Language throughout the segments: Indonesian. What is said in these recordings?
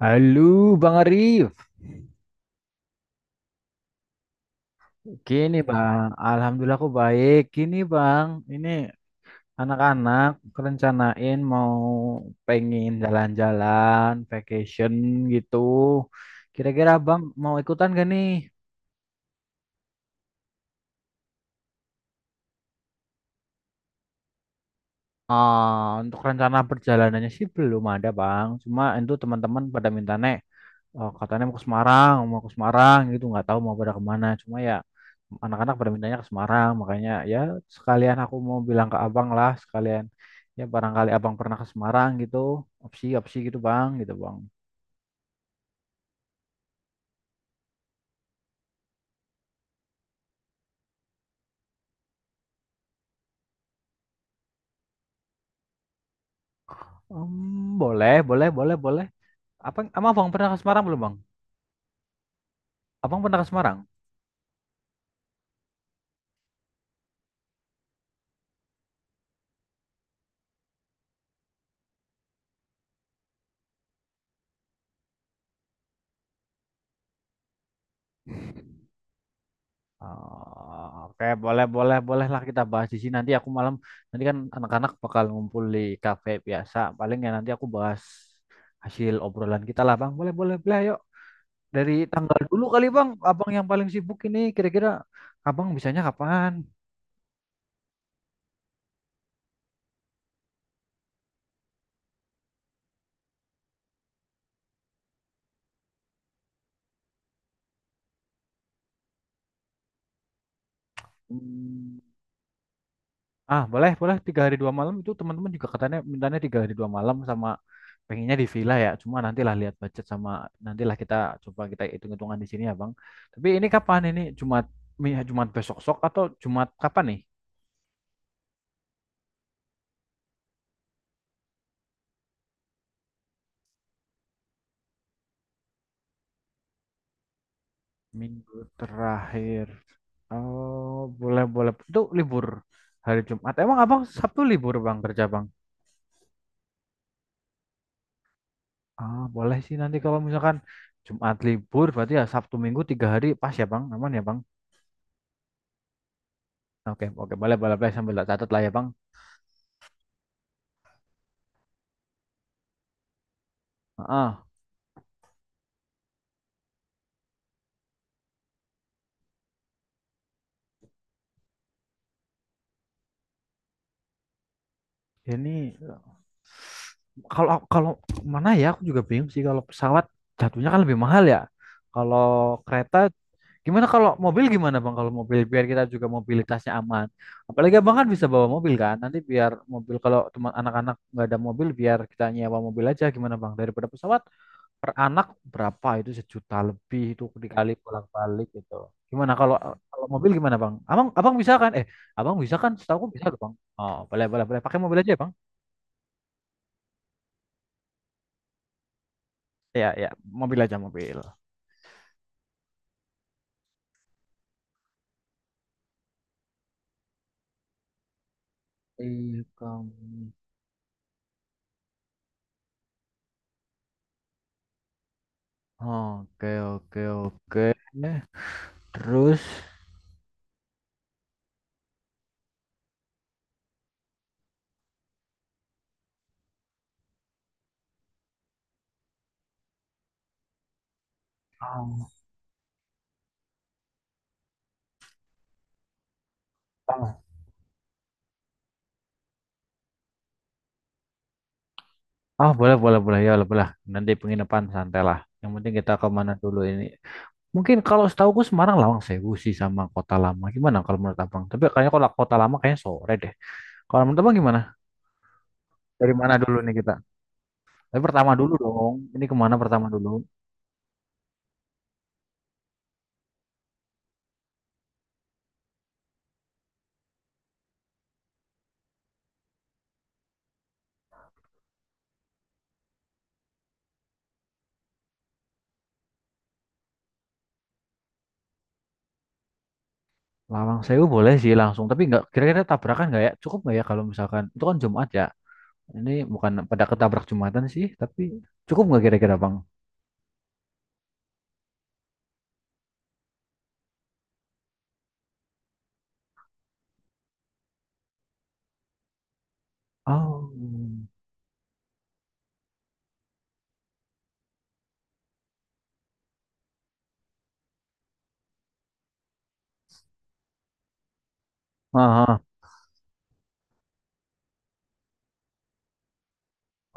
Halo Bang Arif, gini Bang, Alhamdulillah aku baik. Gini Bang, ini anak-anak rencanain mau pengen jalan-jalan, vacation gitu. Kira-kira Bang mau ikutan gak nih? Untuk rencana perjalanannya sih belum ada Bang, cuma itu teman-teman pada minta nek oh, katanya mau ke Semarang gitu, nggak tahu mau pada kemana. Cuma ya anak-anak pada mintanya ke Semarang, makanya ya sekalian aku mau bilang ke abang lah, sekalian ya barangkali abang pernah ke Semarang gitu, opsi-opsi gitu bang, gitu bang. Boleh, boleh, boleh, boleh. Apa, emang abang pernah ke Semarang belum bang? Abang pernah ke Semarang? Oh, oke, boleh, boleh, bolehlah kita bahas di sini. Nanti aku malam, nanti kan anak-anak bakal ngumpul di kafe biasa. Paling ya nanti aku bahas hasil obrolan kita lah, Bang. Boleh, boleh, boleh, ayo. Dari tanggal dulu kali Bang, Abang yang paling sibuk ini kira-kira Abang bisanya kapan? Hmm, boleh, boleh. Tiga hari dua malam itu teman-teman juga katanya mintanya tiga hari dua malam sama pengennya di villa ya. Cuma nantilah lihat budget sama nantilah kita coba hitung-hitungan di sini ya Bang. Tapi ini kapan ini? Jumat, Jumat besok sok atau Jumat kapan nih? Minggu terakhir. Oh, boleh, boleh. Itu libur hari Jumat. Emang Abang Sabtu libur Bang kerja Bang? Boleh sih nanti kalau misalkan Jumat libur berarti ya Sabtu Minggu tiga hari pas ya Bang, aman ya Bang. Oke oke boleh boleh boleh sambil tak catat lah ya Bang. Ah, ini kalau kalau mana ya aku juga bingung sih kalau pesawat jatuhnya kan lebih mahal ya. Kalau kereta gimana kalau mobil gimana Bang kalau mobil biar kita juga mobilitasnya aman. Apalagi Abang kan bisa bawa mobil kan. Nanti biar mobil kalau teman anak-anak nggak ada mobil biar kita nyewa mobil aja gimana Bang daripada pesawat per anak berapa itu sejuta lebih itu dikali bolak-balik gitu. Gimana kalau kalau mobil gimana bang? Abang abang bisa kan? Abang bisa kan? Setahu aku bisa loh bang. Oh boleh boleh boleh. Pakai mobil aja ya bang? Ya ya mobil aja mobil. Iya kamu. Oke oke oke. Terus ah ah, boleh boleh boleh ya boleh boleh. Nanti penginapan santai lah. Yang penting kita ke mana dulu ini. Mungkin kalau setahu aku Semarang Lawang Sewu sih sama Kota Lama. Gimana kalau menurut abang? Tapi kayaknya kalau Kota Lama kayaknya sore deh. Kalau menurut Abang gimana? Dari mana dulu nih kita? Tapi pertama dulu dong. Ini kemana pertama dulu? Lawang Sewu boleh sih langsung. Tapi nggak kira-kira tabrakan nggak ya? Cukup nggak ya kalau misalkan itu kan Jumat ya? Ini bukan pada ketabrak Jumatan sih, tapi cukup nggak kira-kira Bang? Oh. Aha.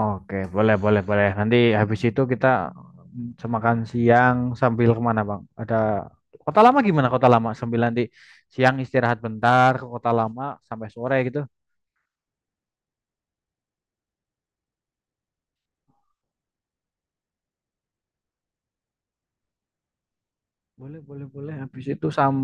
Oke, boleh boleh boleh. Nanti habis itu kita semakan siang sambil kemana Bang? Ada Kota Lama gimana Kota Lama? Sambil nanti siang istirahat bentar ke Kota Lama sampai sore gitu. Boleh, boleh, boleh. Habis itu sam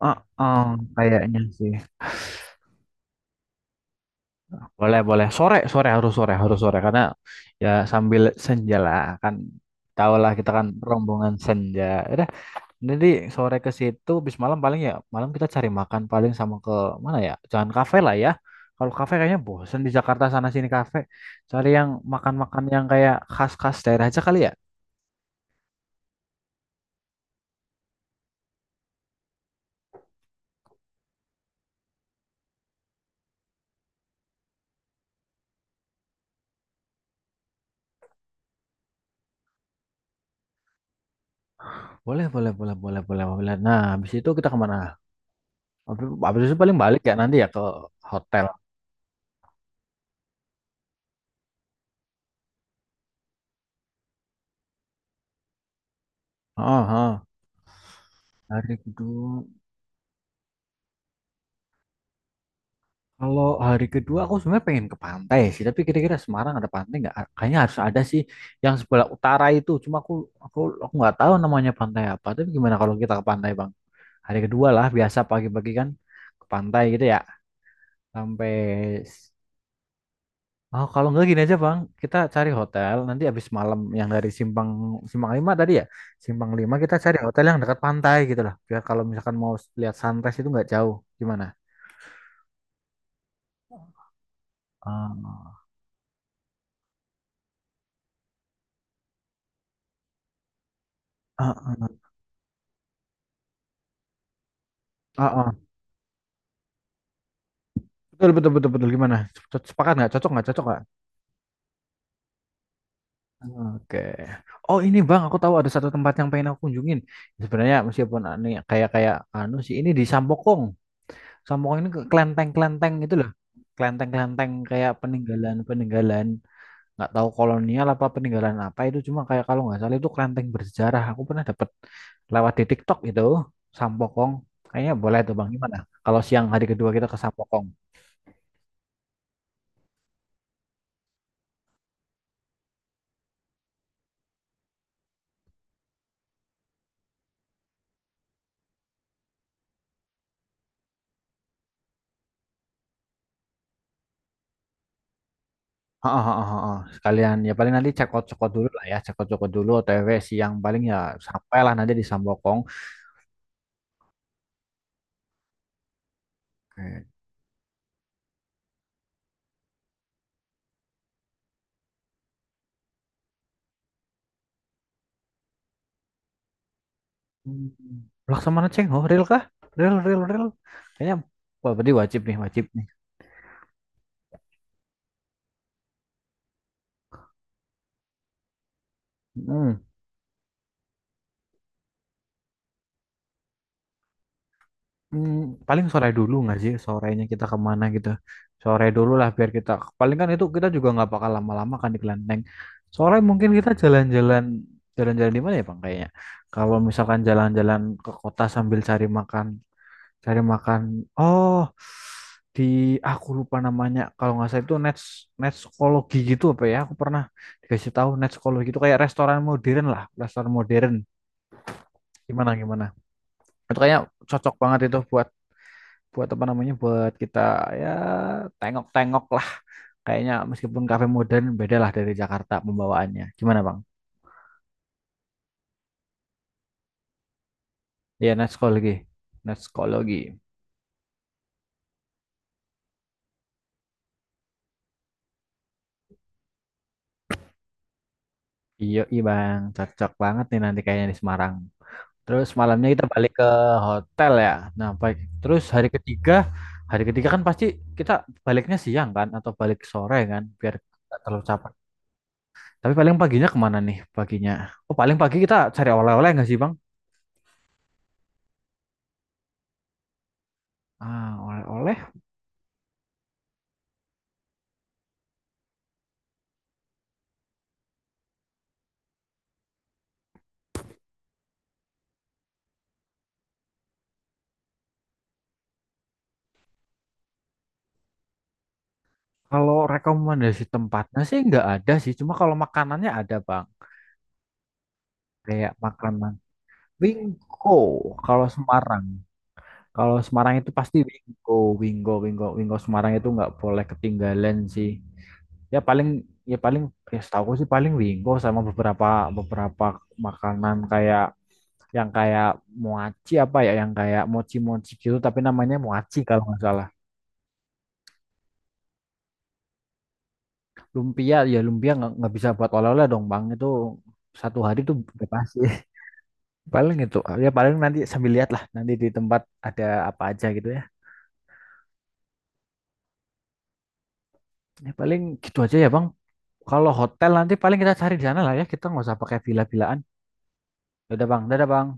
Heeh, kayaknya sih. Boleh, boleh. Sore, sore harus sore, harus sore karena ya sambil senja lah kan Tahu lah kita kan rombongan senja. Ya udah, nanti sore ke situ bis malam paling ya malam kita cari makan paling sama ke mana ya? Jangan kafe lah ya. Kalau kafe kayaknya bosen di Jakarta sana sini kafe. Cari yang makan-makan yang kayak khas-khas daerah aja kali ya. Boleh, boleh, boleh, boleh, boleh, boleh. Nah, habis itu kita kemana? Habis habis itu paling balik ya nanti ya ke hotel. Oh, oh. Hari kedua. Kalau hari kedua aku sebenarnya pengen ke pantai sih, tapi kira-kira Semarang ada pantai nggak? Kayaknya harus ada sih yang sebelah utara itu. Cuma aku aku nggak tahu namanya pantai apa. Tapi gimana kalau kita ke pantai, Bang? Hari kedua lah, biasa pagi-pagi kan ke pantai gitu ya. Sampai Oh, kalau nggak gini aja, Bang. Kita cari hotel nanti habis malam yang dari Simpang Simpang Lima tadi ya. Simpang Lima kita cari hotel yang dekat pantai gitu lah. Biar kalau misalkan mau lihat sunrise itu nggak jauh. Gimana? Ah, ah, ah, ah, ah. Betul, betul, betul, betul. Gimana? Cocok- Sepakat nggak? Cocok nggak? Cocok nggak? Oke. Oh ini bang, aku tahu ada satu tempat yang pengen aku kunjungin. Sebenarnya meskipun aneh, kayak kayak anu sih, ini di Sampokong. Sampokong ini ke kelenteng-kelenteng gitu loh. Kelenteng-kelenteng kayak peninggalan-peninggalan. Nggak tahu kolonial apa peninggalan apa itu. Cuma kayak kalau nggak salah itu kelenteng bersejarah. Aku pernah dapat lewat di TikTok itu Sampokong. Kayaknya boleh tuh bang. Gimana? Kalau siang hari kedua kita ke Sampokong. Heeh, heeh, heeh. Sekalian ya paling nanti cekot-cekot dulu lah ya, cekot-cekot dulu OTW siang paling ya sampailah nanti di Sambokong. Oke. Hmm. Laksamana Ceng, oh real kah? Real, real, real. Kayaknya wah berarti wajib nih, wajib nih. Hmm. Hmm, paling sore dulu nggak sih sorenya kita kemana gitu? Sore dulu lah biar kita paling kan itu kita juga nggak bakal lama-lama kan di kelenteng. Sore mungkin kita jalan-jalan di mana ya Bang kayaknya? Kalau misalkan jalan-jalan ke kota sambil cari makan. Oh, di aku lupa namanya. Kalau nggak salah itu net net psikologi gitu apa ya? Aku pernah dikasih tahu net psikologi itu kayak restoran modern lah, restoran modern. Gimana gimana? Itu kayaknya cocok banget itu buat buat apa namanya buat kita ya tengok-tengok lah kayaknya meskipun kafe modern beda lah dari Jakarta pembawaannya gimana bang? Iya net psikologi iya iya bang cocok banget nih nanti kayaknya di Semarang. Terus malamnya kita balik ke hotel ya. Nah, baik. Terus hari ketiga kan pasti kita baliknya siang kan atau balik sore kan biar nggak terlalu capek. Tapi paling paginya kemana nih paginya? Oh, paling pagi kita cari oleh-oleh nggak sih, Bang? Ah, oleh-oleh. Kalau rekomendasi tempatnya sih nggak ada sih. Cuma kalau makanannya ada, Bang. Kayak makanan Wingko kalau Semarang. Kalau Semarang itu pasti Wingko Semarang itu nggak boleh ketinggalan sih. ya paling ya paling ya setahu sih paling Wingo sama beberapa beberapa makanan kayak yang kayak moaci apa ya yang kayak mochi-mochi gitu tapi namanya moaci kalau nggak salah lumpia ya lumpia nggak bisa buat oleh-oleh dong bang itu satu hari tuh udah pasti paling itu ya paling nanti sambil lihat lah nanti di tempat ada apa aja gitu ya ya paling gitu aja ya bang kalau hotel nanti paling kita cari di sana lah ya kita nggak usah pakai villa-villaan ya udah bang dadah bang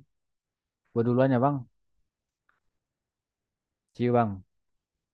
gua duluan ya bang see you bang